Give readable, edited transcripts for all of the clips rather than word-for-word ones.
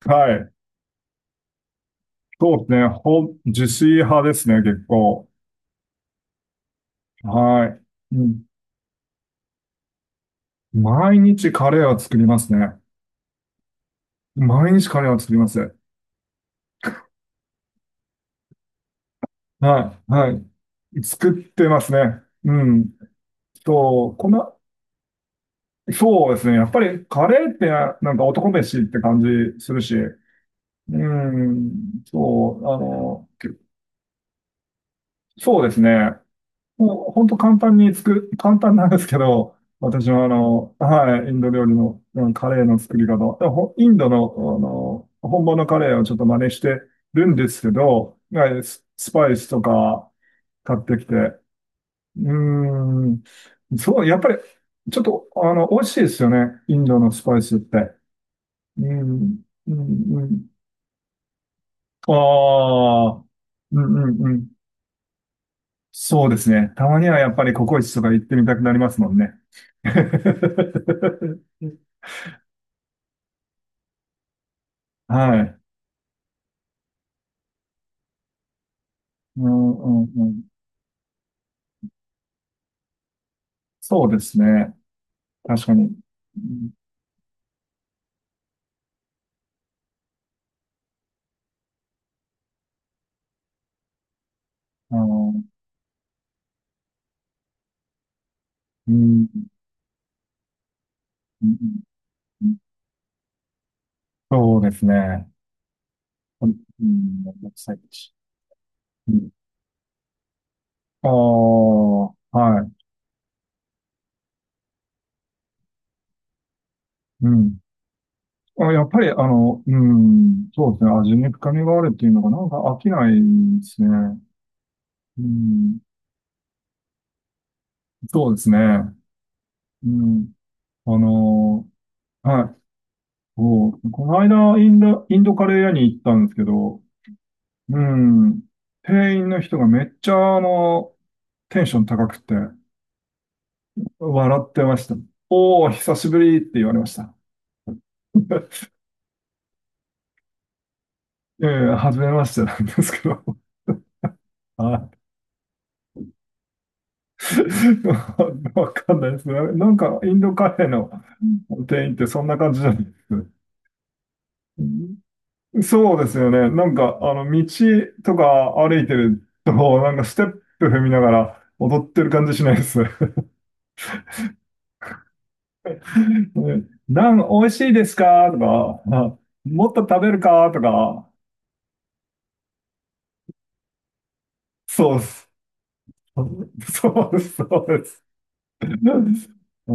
はい。そうですね。自炊派ですね、結構。はい。うん。毎日カレーは作りますね。毎日カレーは作ります。はい。はい。作ってますね。うん。そう、この、そうですね。やっぱりカレーってなんか男飯って感じするし。うん。そう、あの、そうですね。もう本当簡単に作る、簡単なんですけど、私ははい、インド料理の、うんカレーの作り方、インドの、本場のカレーをちょっと真似してるんですけど、はいスパイスとか買ってきて、うーん、そう、やっぱり、ちょっと、あの、美味しいですよね、インドのスパイスって。うん、うん、うん。ああ、うん、うん、うん。そうですね。たまにはやっぱりココイチとか行ってみたくなりますもんね。はい。うんうんうん。そうですね。確かに。うんあの、うん、うん、うん。そうですね。うん、うん最近うん。ああ、はい。うん。あ、やっぱり、あの、うん、そうですね。味に深みがあるっていうのが、なんか飽きないですね。うん、そうですね。うん。あの、はい。そう、この間、インドカレー屋に行ったんですけど、うん。店員の人がめっちゃ、テンション高くて、笑ってました。おお、久しぶりって言われました。ええ、初めましてなんですけど。はい。わかんないですね。なんか、インドカフェの店員ってそんな感じじゃないですか。うんそうですよね。道とか歩いてると、なんかステップ踏みながら踊ってる感じしないです。ナン美味しいですかとか、もっと食べるかとか、そうです。そうでそうです。うん、そう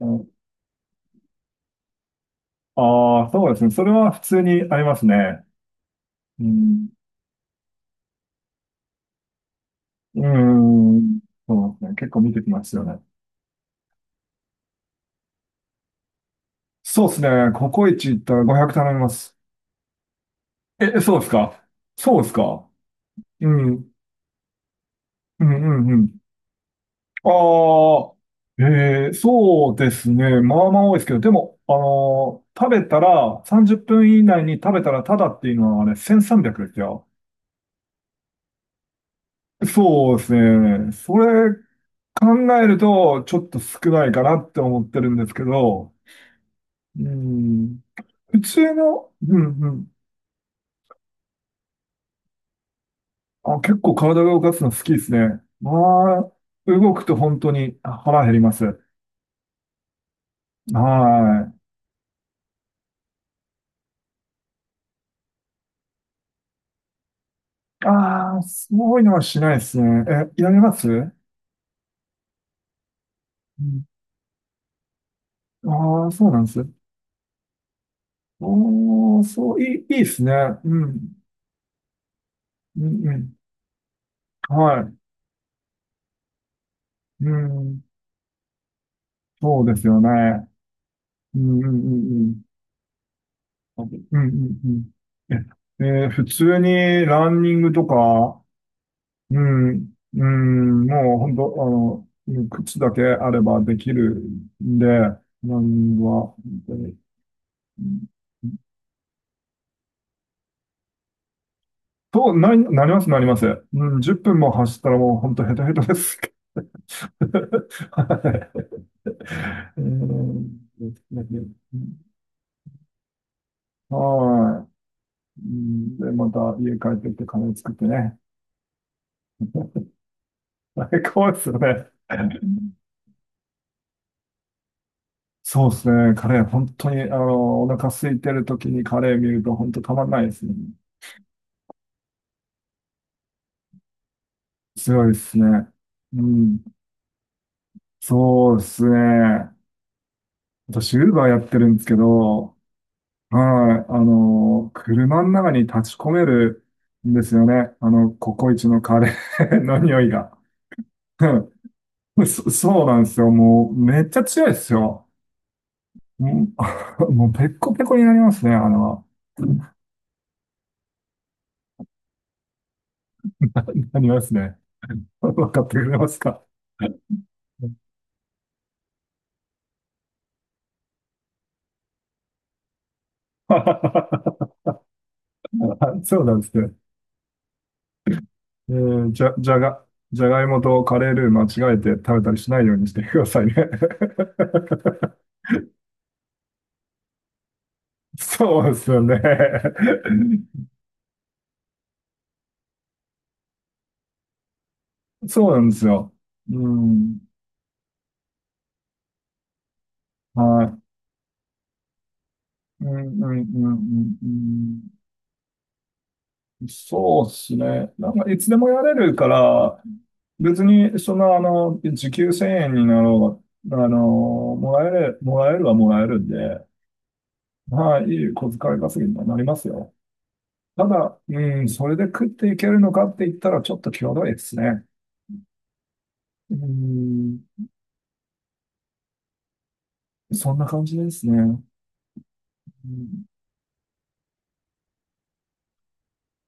うんああ、そうですね。それは普通にありますね。うん、うん、そうですね。結構見てきますよね。そうですね。ココイチ行ったら500頼みます。え、そうですかそうですかうん、うん、うん、うん。ああ、えー、そうですね。まあまあ多いですけど、でも、あのー食べたら、30分以内に食べたらタダっていうのはあれ、1300ですよ。そうですね。それ考えると、ちょっと少ないかなって思ってるんですけど、うん、普通の、うんうん、あ、結構体が動かすの好きですね。まあ、動くと本当に腹減ります。はい。ああ、そういうのはしないですね。え、やりますうんああ、そうなんですね。あいいですね。うん。うん、うん。はい。うん。そうですよね。うん、うん、うん、うん。うん、うん、うん。えー普通にランニングとか、うん、うん、もう本当、あの、うん靴だけあればできるんで、ランニングは、本当に。うんと、なり、なります、なります。うん、10分も走ったらもう本当ヘトヘトです。はいえー、ですね。はい。うん、で、また家帰ってきてカレー作ってね。最高ですよね。そうですね。カレー、本当に、お腹空いてる時にカレー見ると本当たまんないですね。強いですね。うん。そうですね。私、ウーバーやってるんですけど、はい。車の中に立ち込めるんですよね。あの、ココイチのカレーの匂いが。そうなんですよ。もう、めっちゃ強いですよ。ん もう、ペッコペコになりますね、あの、なりますね。わかってくれますか そうなんですね。えーじゃ、じゃが、じゃがいもとカレールー間違えて食べたりしないようにしてくださいね。そうですよね。そうなんですよ。うん。はい。うん、うん、うん、うん。うんそうですね。なんか、いつでもやれるから、別に、その、あの、時給1000円になろうが、もらえるはもらえるんで、いい小遣い稼ぎにはなりますよ。ただ、うん、それで食っていけるのかって言ったら、ちょっと際どいですね。うん、そんな感じですね。うん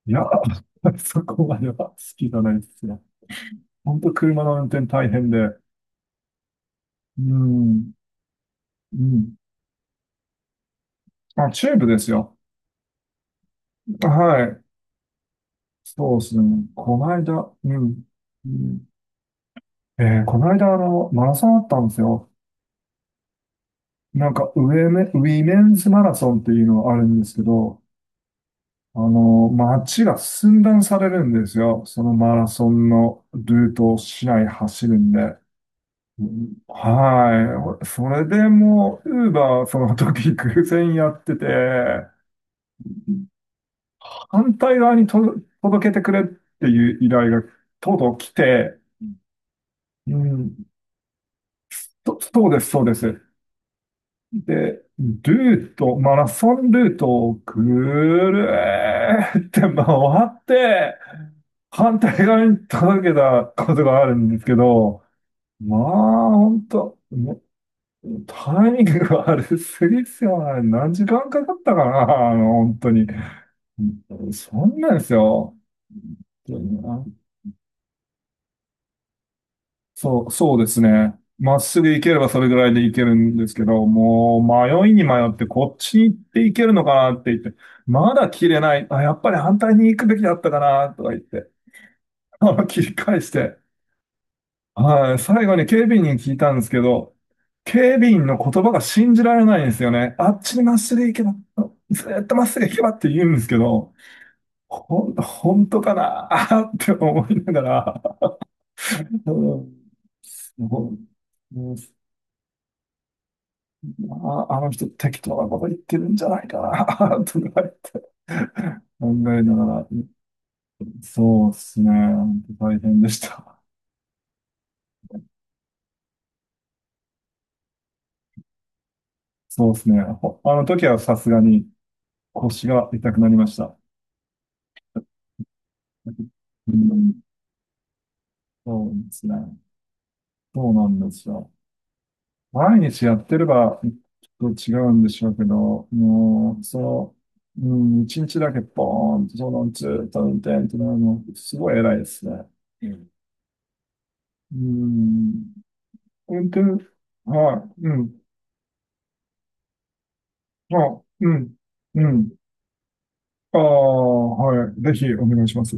いや、そこまでは好きじゃないですね。本当車の運転大変で。うん、うん。あ、チューブですよ。はい。そうですね。この間、うん。うんえーこの間、マラソンあったんですよ。ウィメンズマラソンっていうのがあるんですけど、街が寸断されるんですよ。そのマラソンのルートを市内走るんで。うんはい。それでもう、ウーバーその時偶然やってて、反対側に届けてくれっていう依頼がとうとう来て、うん、そうです、そうです。で、ルート、マラソンルートをぐるーって回って、反対側に届けたことがあるんですけど、まあ、ほんと、もタイミングが悪すぎっすよね。何時間かかったかな、あの、本当に。そんなんですよ。そうですね。まっすぐ行ければそれぐらいで行けるんですけど、もう迷いに迷ってこっちに行って行けるのかなって言って、まだ切れない。あ、やっぱり反対に行くべきだったかなとか言って、切り返して、はい、最後に警備員に聞いたんですけど、警備員の言葉が信じられないんですよね。あっちにまっすぐ行けば、ずーっとまっすぐ行けばって言うんですけど、本当かな って思いながら、うん、もうああ、あの人適当なこと言ってるんじゃないかな とか言って考えながら、そうですね。本当大変でした。そうですね。あの時はさすがに腰が痛くなりました。うん、そうですね。そうなんですよ。毎日やってればちょっと違うんでしょうけど、もう、その、うん、一日だけポーンと、その、ずっと運転ってなるの、すごい偉いですね。うん。うん本当にはい。うん。あ、うん。うん。ああ、はい。ぜひお願いします。